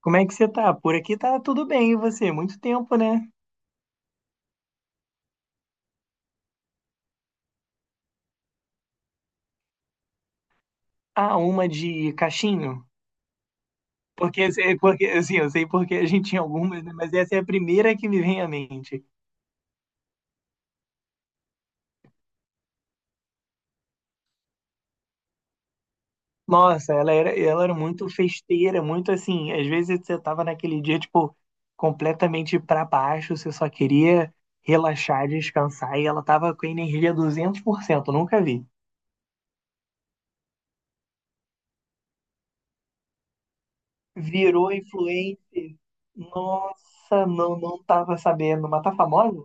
Como é que você tá? Por aqui tá tudo bem, e você? Muito tempo, né? Ah, uma de cachinho? Porque, porque assim, eu sei porque a gente tinha algumas, né? Mas essa é a primeira que me vem à mente. Nossa, ela era muito festeira, muito assim. Às vezes você tava naquele dia, tipo, completamente pra baixo, você só queria relaxar, descansar, e ela tava com a energia 200%, nunca vi. Virou influencer. Nossa, não, não tava sabendo, mas tá famosa?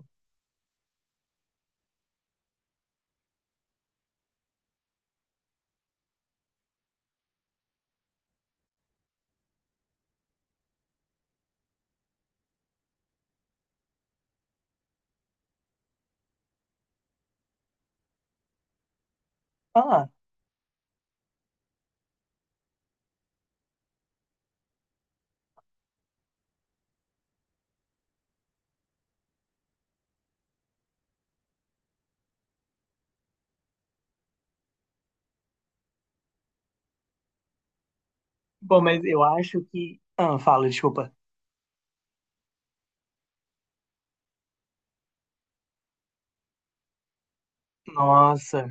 Ah. Bom, mas eu acho que. Ah, fala, desculpa. Nossa.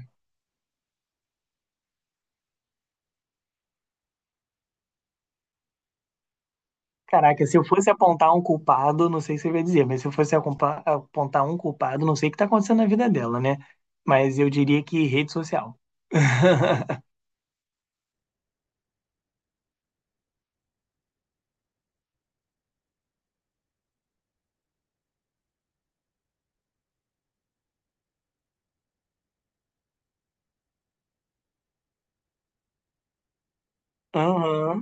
Caraca, se eu fosse apontar um culpado, não sei se eu ia dizer, mas se eu fosse apontar um culpado, não sei o que tá acontecendo na vida dela, né? Mas eu diria que rede social. Aham.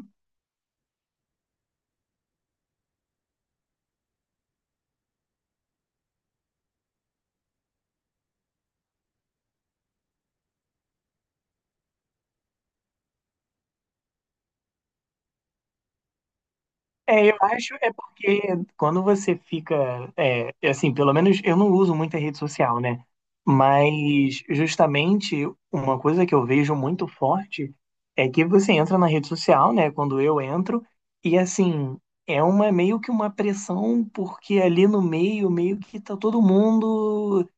É, eu acho é porque quando você fica, é, assim, pelo menos eu não uso muita rede social, né? Mas justamente uma coisa que eu vejo muito forte é que você entra na rede social, né? Quando eu entro, e assim, é uma meio que uma pressão, porque ali no meio, meio que tá todo mundo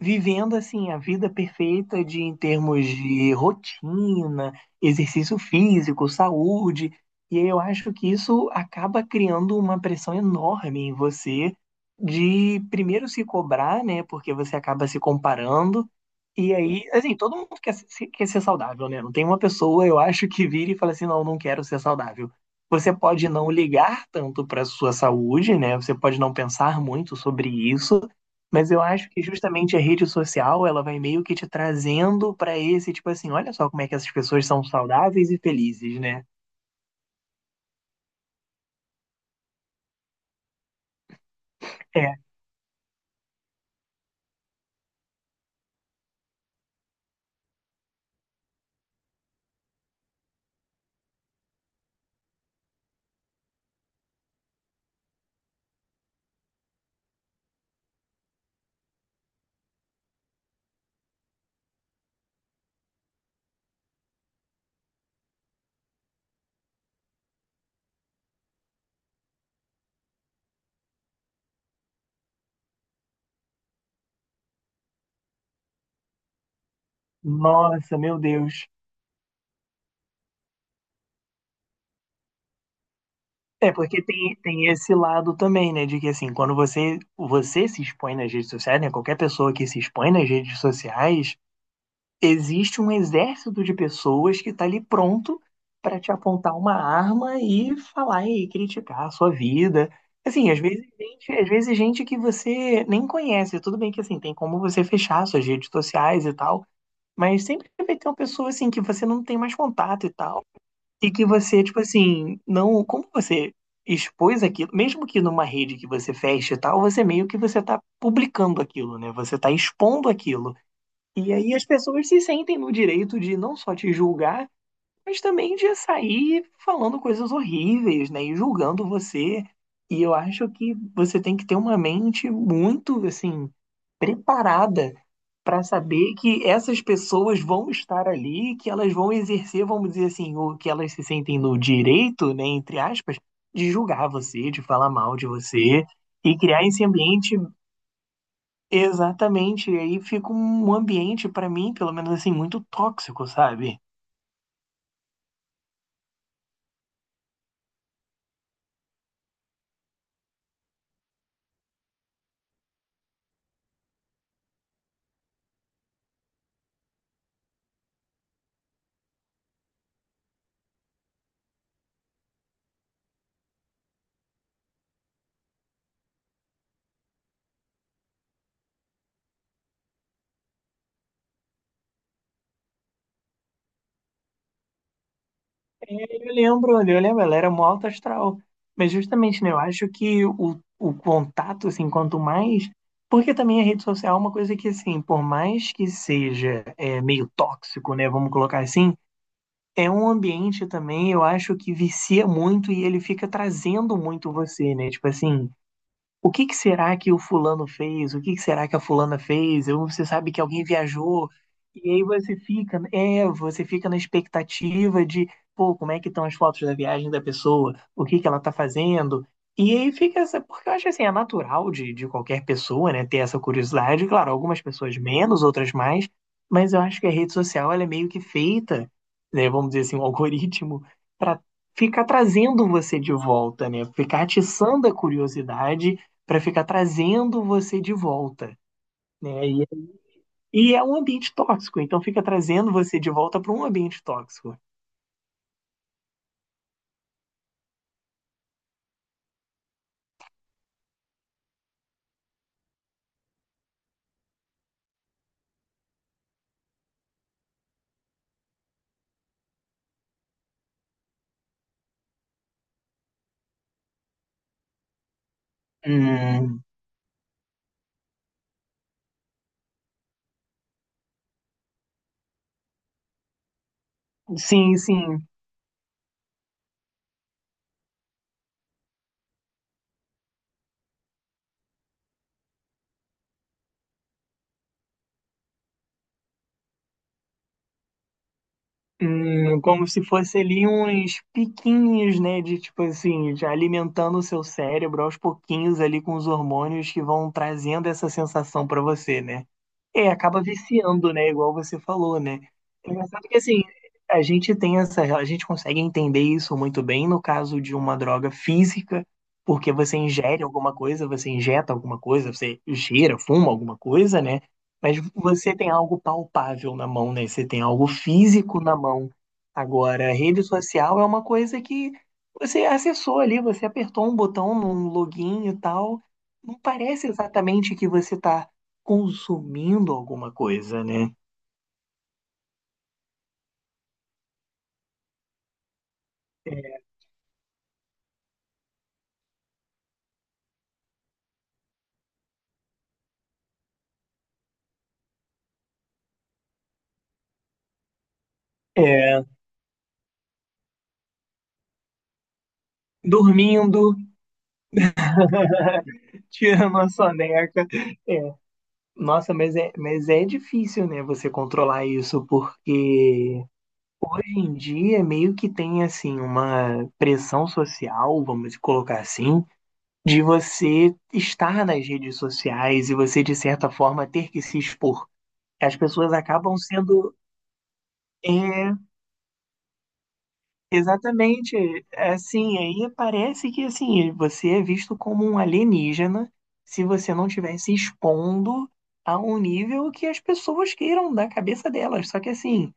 vivendo assim a vida perfeita de em termos de rotina, exercício físico, saúde. E aí eu acho que isso acaba criando uma pressão enorme em você de primeiro se cobrar, né? Porque você acaba se comparando. E aí, assim, todo mundo quer, se- quer ser saudável, né? Não tem uma pessoa, eu acho, que vira e fala assim, não, não quero ser saudável. Você pode não ligar tanto para sua saúde, né? Você pode não pensar muito sobre isso, mas eu acho que justamente a rede social, ela vai meio que te trazendo pra esse, tipo assim, olha só como é que essas pessoas são saudáveis e felizes, né? É, nossa, meu Deus. É, porque tem esse lado também, né? De que assim, quando você, você se expõe nas redes sociais, né? Qualquer pessoa que se expõe nas redes sociais, existe um exército de pessoas que está ali pronto para te apontar uma arma e falar e criticar a sua vida. Assim, às vezes gente que você nem conhece, tudo bem que assim, tem como você fechar suas redes sociais e tal, mas sempre vai ter uma pessoa assim que você não tem mais contato e tal, e que você, tipo assim, não, como você expôs aquilo, mesmo que numa rede que você feche e tal, você meio que você tá publicando aquilo, né? Você tá expondo aquilo. E aí as pessoas se sentem no direito de não só te julgar, mas também de sair falando coisas horríveis, né? E julgando você. E eu acho que você tem que ter uma mente muito, assim, preparada para saber que essas pessoas vão estar ali, que elas vão exercer, vamos dizer assim, o que elas se sentem no direito, né, entre aspas, de julgar você, de falar mal de você e criar esse ambiente. Exatamente, e aí fica um ambiente, pra mim, pelo menos assim, muito tóxico, sabe? Eu lembro, ela era mó alta astral. Mas justamente, né, eu acho que o contato, assim, quanto mais. Porque também a rede social é uma coisa que, assim, por mais que seja é, meio tóxico, né, vamos colocar assim, é um ambiente também, eu acho que vicia muito e ele fica trazendo muito você, né? Tipo assim. O que que será que o fulano fez? O que que será que a fulana fez? Ou você sabe que alguém viajou e aí você fica, é, você fica na expectativa de, pô, como é que estão as fotos da viagem da pessoa? O que que ela tá fazendo? E aí fica essa, porque eu acho assim, é natural de qualquer pessoa, né, ter essa curiosidade. Claro, algumas pessoas menos, outras mais, mas eu acho que a rede social ela é meio que feita, né, vamos dizer assim, um algoritmo para ficar trazendo você de volta, né? Ficar atiçando a curiosidade para ficar trazendo você de volta. Né? E é um ambiente tóxico, então fica trazendo você de volta para um ambiente tóxico. Hum, sim, sim. Como se fosse ali uns piquinhos, né? De tipo assim, de alimentando o seu cérebro aos pouquinhos ali com os hormônios que vão trazendo essa sensação pra você, né? É, acaba viciando, né? Igual você falou, né? É engraçado que assim, a gente tem essa, a gente consegue entender isso muito bem no caso de uma droga física, porque você ingere alguma coisa, você injeta alguma coisa, você cheira, fuma alguma coisa, né? Mas você tem algo palpável na mão, né? Você tem algo físico na mão. Agora, a rede social é uma coisa que você acessou ali, você apertou um botão num login e tal. Não parece exatamente que você está consumindo alguma coisa, né? É, é, dormindo, tirando a soneca. É, nossa, mas é difícil, né, você controlar isso, porque em dia meio que tem assim uma pressão social, vamos colocar assim, de você estar nas redes sociais e você de certa forma ter que se expor. As pessoas acabam sendo é, exatamente assim, aí parece que assim, você é visto como um alienígena se você não estiver se expondo a um nível que as pessoas queiram da cabeça delas. Só que assim,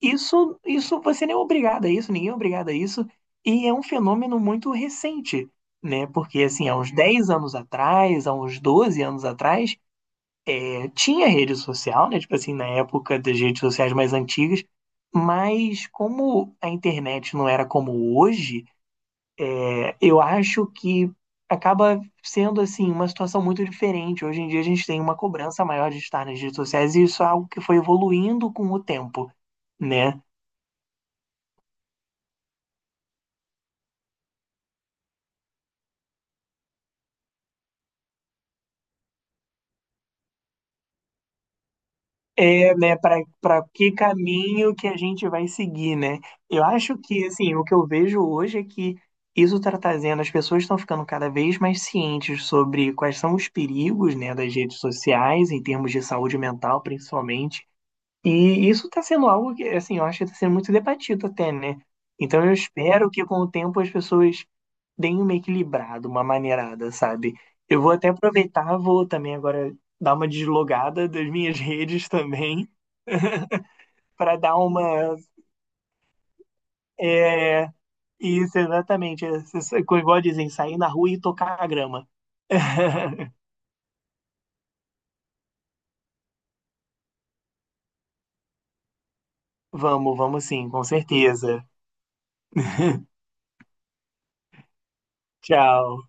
isso, você nem é obrigado a isso, ninguém é obrigado a isso, e é um fenômeno muito recente, né? Porque, assim, há uns 10 anos atrás, há uns 12 anos atrás, tinha rede social, né? Tipo assim, na época das redes sociais mais antigas, mas como a internet não era como hoje, eu acho que acaba sendo, assim, uma situação muito diferente. Hoje em dia a gente tem uma cobrança maior de estar nas redes sociais, e isso é algo que foi evoluindo com o tempo, né? É, né, para que caminho que a gente vai seguir, né? Eu acho que, assim, o que eu vejo hoje é que isso está trazendo, as pessoas estão ficando cada vez mais cientes sobre quais são os perigos, né, das redes sociais, em termos de saúde mental, principalmente. E isso está sendo algo que, assim, eu acho que está sendo muito debatido até, né? Então eu espero que com o tempo as pessoas deem uma equilibrada, uma maneirada, sabe? Eu vou até aproveitar, vou também agora dar uma deslogada das minhas redes também para dar uma. É, isso, exatamente. Isso, igual dizem, sair na rua e tocar a grama. Vamos, vamos sim, com certeza. Tchau.